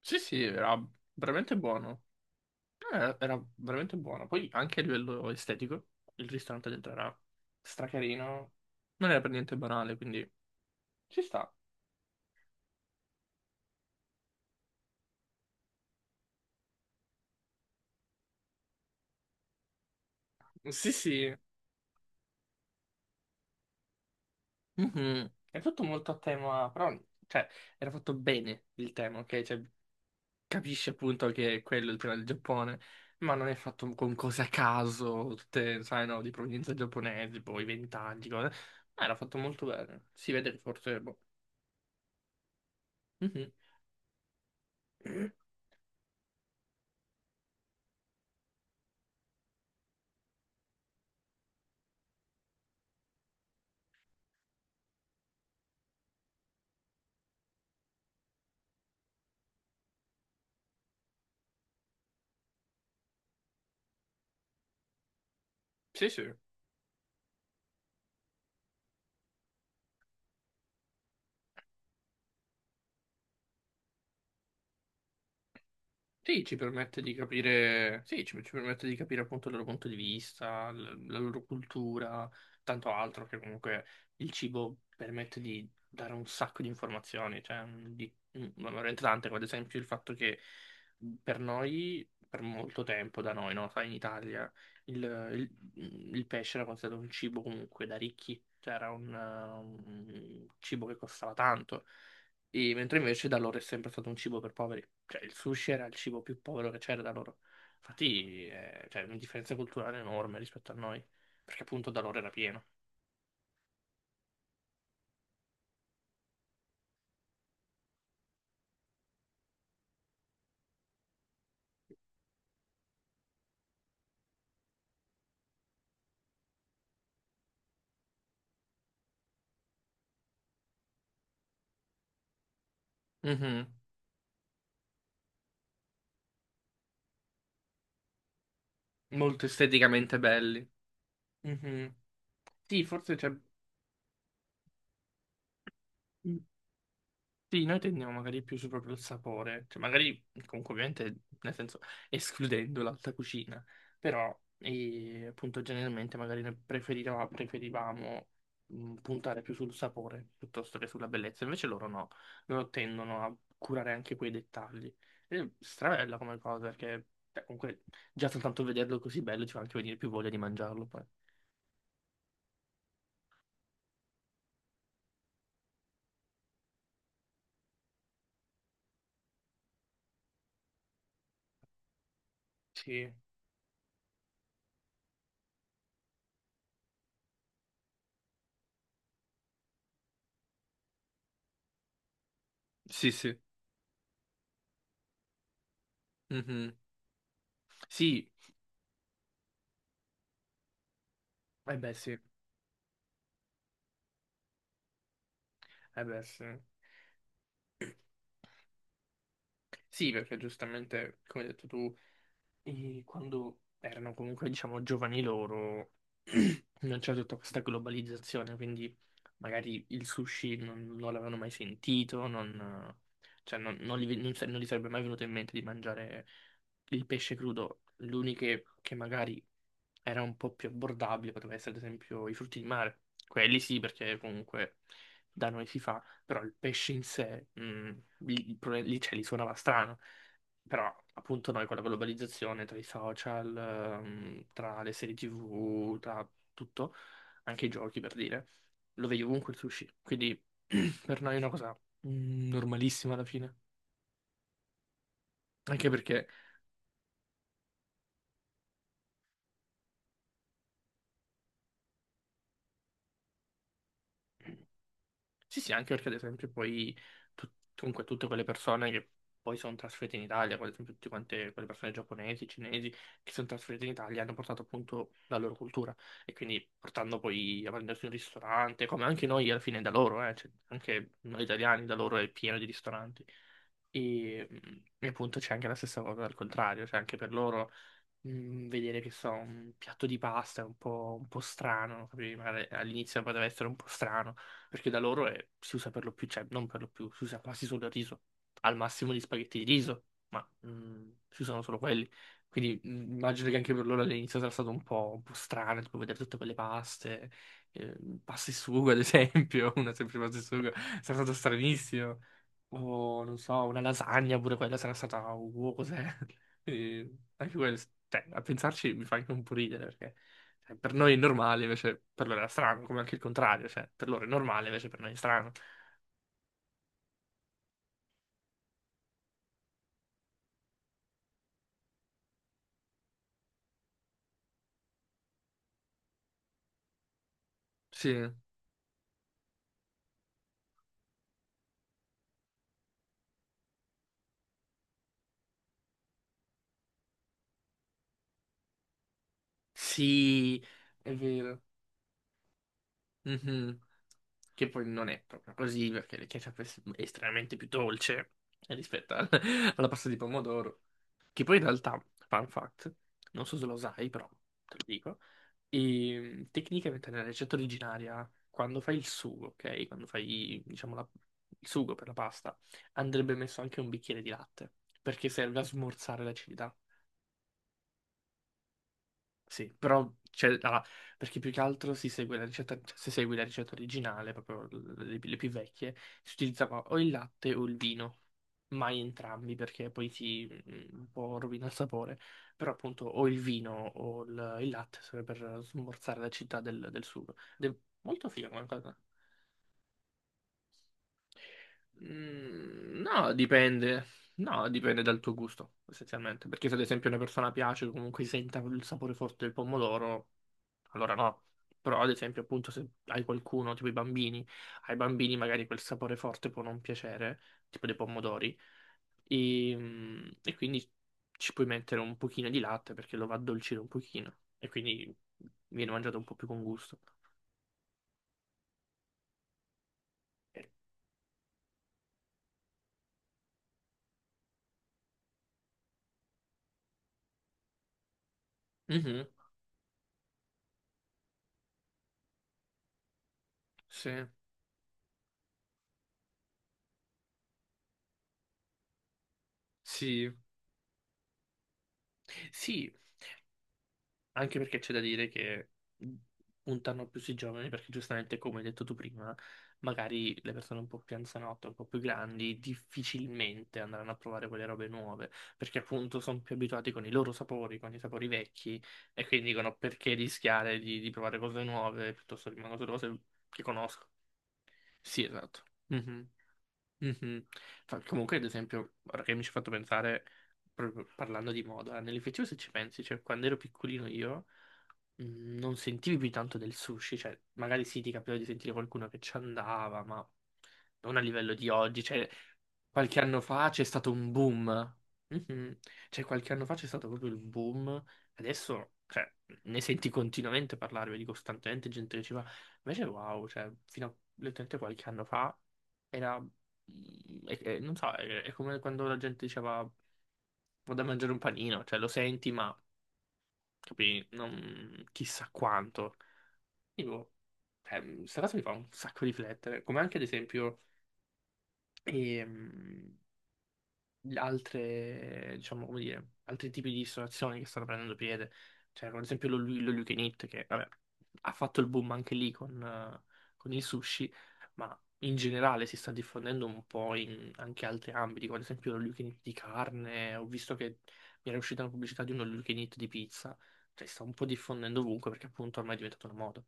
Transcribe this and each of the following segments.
Sì, sì, era veramente buono. Era veramente buono. Poi anche a livello estetico, il ristorante dentro era stracarino. Non era per niente banale, quindi ci sta. Sì, sì. Mhm. È tutto molto a tema, però, cioè, era fatto bene il tema, ok? Cioè, capisci appunto che quello è il tema del Giappone, ma non è fatto con cose a caso, tutte, sai, no, di provenienza giapponese, poi ventaggi, cose. Ma era fatto molto bene. Si vede che forse, boh. Mhm. Sì, sì. Sì, ci permette di capire, sì, ci permette di capire appunto il loro punto di vista, la loro cultura, tanto altro che comunque il cibo permette di dare un sacco di informazioni, cioè di, ma veramente tante, come ad esempio il fatto che per noi, per molto tempo da noi, no? Sai, in Italia il, il- il pesce era considerato un cibo comunque da ricchi, cioè era un cibo che costava tanto. Mentre invece da loro è sempre stato un cibo per poveri. Cioè, il sushi era il cibo più povero che c'era da loro. Infatti, c'è una differenza culturale enorme rispetto a noi, perché appunto da loro era pieno. Mhm. Molto esteticamente belli. Mhm. Sì, forse c'è. Sì, noi tendiamo magari più su proprio il sapore, cioè magari comunque ovviamente nel senso escludendo l'alta cucina, però appunto generalmente magari noi preferivamo puntare più sul sapore piuttosto che sulla bellezza, invece loro no, loro tendono a curare anche quei dettagli. Ed è strabella come cosa, perché cioè, comunque già soltanto vederlo così bello ci fa anche venire più voglia di mangiarlo poi. Sì, sì, sì. Mhm. Sì, eh beh sì, eh beh sì. Sì, perché giustamente, come hai detto tu, e quando erano comunque, diciamo, giovani loro, non c'era tutta questa globalizzazione, quindi magari il sushi non l'avevano mai sentito, non, cioè non gli sarebbe mai venuto in mente di mangiare il pesce crudo. L'unica che magari era un po' più abbordabile poteva essere, ad esempio, i frutti di mare. Quelli sì, perché comunque da noi si fa, però il pesce in sé, lì, il pro- lì, cioè, lì suonava strano, però appunto noi con la globalizzazione tra i social, tra le serie TV, tra tutto, anche i giochi per dire, lo vedi ovunque il sushi, quindi per noi è una cosa normalissima alla fine, anche perché... Sì, sì, anche perché ad esempio poi comunque tutte quelle persone che poi sono trasferite in Italia, come ad esempio tutte quante quelle persone giapponesi, cinesi, che sono trasferite in Italia, hanno portato appunto la loro cultura e quindi portando poi a prendersi un ristorante, come anche noi alla fine da loro, cioè, anche noi italiani da loro è pieno di ristoranti. E, mm, e appunto c'è anche la stessa cosa al contrario, cioè anche per loro vedere, che so, un piatto di pasta un po' strano, capivi? Magari all'inizio poteva essere un po' strano, perché da loro si usa per lo più, cioè non per lo più, si usa quasi solo il riso, al massimo gli spaghetti di riso, ma si usano solo quelli. Quindi immagino che anche per loro all'inizio sarà stato un po' strano, tipo vedere tutte quelle paste, eh, pasta e sugo ad esempio, una semplice pasta e sugo, sarà stato stranissimo. O non so, una lasagna pure quella sarà stata, wow, cos'è? Quindi anche quello, cioè, a pensarci mi fa anche un po' ridere, perché cioè, per noi è normale, invece per loro era strano, come anche il contrario, cioè, per loro è normale, invece per noi è strano. Sì, sì, è vero. Mhm. Che poi non è proprio così, perché il ketchup è estremamente più dolce rispetto alla pasta di pomodoro. Che poi in realtà, fun fact, non so se lo sai, però te lo dico, e tecnicamente nella ricetta originaria, quando fai il sugo, ok? Quando fai, diciamo, il sugo per la pasta, andrebbe messo anche un bicchiere di latte, perché serve a smorzare l'acidità. Sì, però cioè, allora, perché più che altro si segue la ricetta, cioè, se segui la ricetta originale, proprio le più vecchie, si utilizzava o il latte o il vino, mai entrambi perché poi si un po' rovina il sapore, però appunto o il vino o il latte serve per smorzare l'acidità del sugo. Ed è molto figo come cosa. Mm, no, dipende. No, dipende dal tuo gusto, essenzialmente. Perché se ad esempio una persona piace o comunque senta il sapore forte del pomodoro, allora no, però ad esempio appunto se hai qualcuno, tipo i bambini, ai bambini magari quel sapore forte può non piacere, tipo dei pomodori, e quindi ci puoi mettere un pochino di latte perché lo va a addolcire un pochino e quindi viene mangiato un po' più con gusto. Mhm, sì. Sì, sì, anche perché c'è da dire che puntano più sui giovani, perché giustamente, come hai detto tu prima, magari le persone un po' più anzianotte, un po' più grandi, difficilmente andranno a provare quelle robe nuove, perché appunto sono più abituati con i loro sapori, con i sapori vecchi, e quindi dicono perché rischiare di provare cose nuove, piuttosto rimango sulle cose che conosco. Sì, esatto. Mhm, mhm. Comunque, ad esempio, ora che mi ci hai fatto pensare, proprio parlando di moda, nell'effettivo se ci pensi, cioè quando ero piccolino io. Non sentivi più tanto del sushi, cioè magari sì ti capitava di sentire qualcuno che ci andava, ma non a livello di oggi, cioè qualche anno fa c'è stato un boom. Mhm. Cioè qualche anno fa c'è stato proprio il boom, adesso cioè, ne senti continuamente parlare, vedi costantemente gente che ci va, invece wow, cioè fino a letteralmente qualche anno fa era, non so, è come quando la gente diceva vado a mangiare un panino, cioè lo senti ma capì, non chissà quanto. Tipo, cioè, questa cosa mi fa un sacco riflettere, come anche ad esempio ehm, le altre, diciamo, come dire, altri tipi di ristorazioni che stanno prendendo piede, cioè come ad esempio lo You Can Eat, che vabbè, ha fatto il boom anche lì con il sushi, ma in generale si sta diffondendo un po' in anche altri ambiti, come ad esempio lo You Can Eat di carne, ho visto che mi era uscita una pubblicità di uno You Can Eat di pizza, cioè si sta un po' diffondendo ovunque perché appunto ormai è diventato una moda.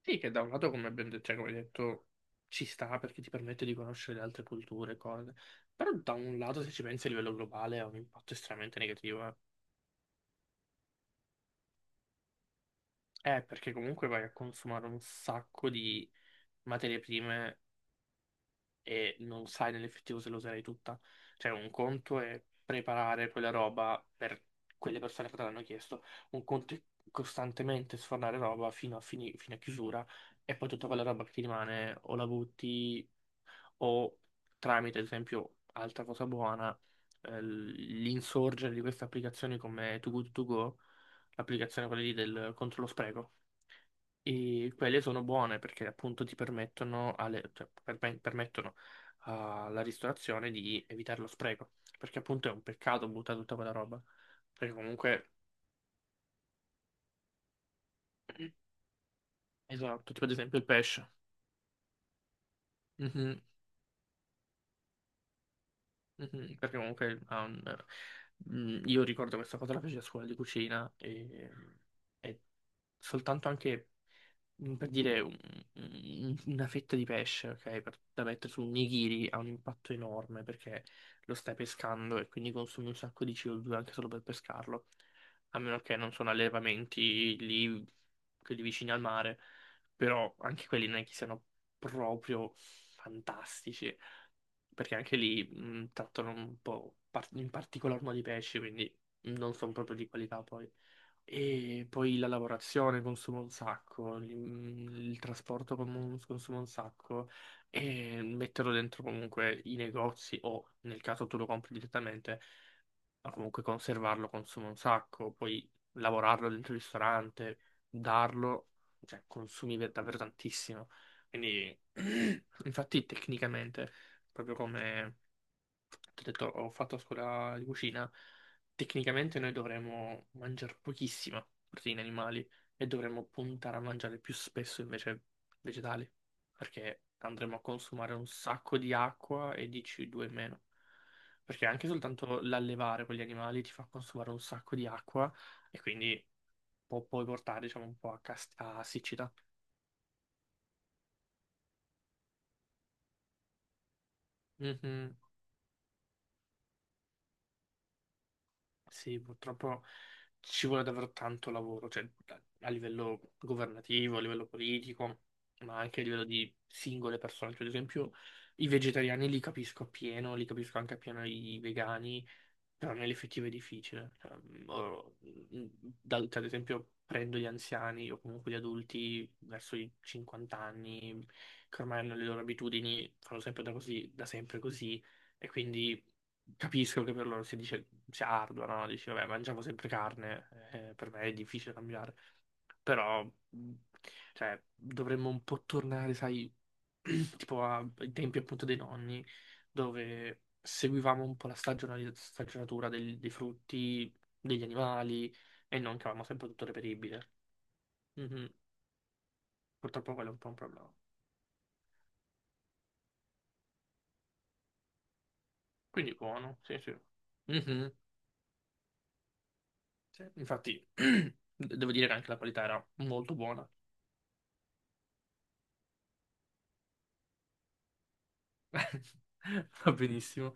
Sì, che da un lato, come ben detto, cioè, come hai detto, ci sta perché ti permette di conoscere le altre culture, cose. Però da un lato, se ci pensi a livello globale, ha un impatto estremamente negativo. Perché comunque vai a consumare un sacco di materie prime e non sai nell'effettivo se lo userai tutta. Cioè, un conto è preparare quella roba per quelle persone che te l'hanno chiesto, un conto è costantemente sfornare roba fino a chiusura e poi tutta quella roba che ti rimane o la butti o tramite, ad esempio, altra cosa buona, l'insorgere di queste applicazioni come Too Good To Go, l'applicazione quella lì del contro lo spreco. E quelle sono buone perché appunto ti permettono, cioè, permettono alla ristorazione di evitare lo spreco. Perché appunto è un peccato buttare tutta quella roba. Perché comunque, esatto, tipo ad esempio il pesce. Mhm. Mhm, Perché comunque io ricordo questa cosa la feci a scuola di cucina e soltanto anche per dire una fetta di pesce, ok, da mettere su un nigiri ha un impatto enorme perché lo stai pescando e quindi consumi un sacco di CO2 anche solo per pescarlo, a meno che non sono allevamenti lì, quelli vicini al mare, però anche quelli non è che siano proprio fantastici perché anche lì trattano un po' in particolar modo i pesci, quindi non sono proprio di qualità poi. E poi la lavorazione consuma un sacco, il trasporto consuma un sacco, e metterlo dentro comunque i negozi o nel caso tu lo compri direttamente, ma comunque conservarlo consuma un sacco, poi lavorarlo dentro il ristorante, darlo, cioè consumi davvero tantissimo. Quindi, infatti, tecnicamente, proprio come ti ho detto, ho fatto a scuola di cucina. Tecnicamente noi dovremmo mangiare pochissima proteine animali e dovremmo puntare a mangiare più spesso invece vegetali, perché andremo a consumare un sacco di acqua e di CO2 in meno. Perché anche soltanto l'allevare con gli animali ti fa consumare un sacco di acqua e quindi può poi portare, diciamo, un po' a siccità. Mhm. Sì, purtroppo ci vuole davvero tanto lavoro, cioè a livello governativo, a livello politico, ma anche a livello di singole persone. Cioè, ad esempio, i vegetariani li capisco appieno, li capisco anche appieno i vegani, però nell'effettivo è difficile. Cioè, ad esempio, prendo gli anziani o comunque gli adulti verso i 50 anni, che ormai hanno le loro abitudini, fanno sempre da così, da sempre così, e quindi capisco che per loro si dice, sia ardua, no? Dici, vabbè, mangiamo sempre carne, per me è difficile cambiare. Però, mh, cioè, dovremmo un po' tornare, sai, tipo ai tempi appunto dei nonni, dove seguivamo un po' la stagionatura dei frutti, degli animali, e non che avevamo sempre tutto reperibile. Mhm. Purtroppo quello è un po' un problema. Quindi buono, sì, sì. Mhm. Sì, infatti, devo dire che anche la qualità era molto buona. Va benissimo.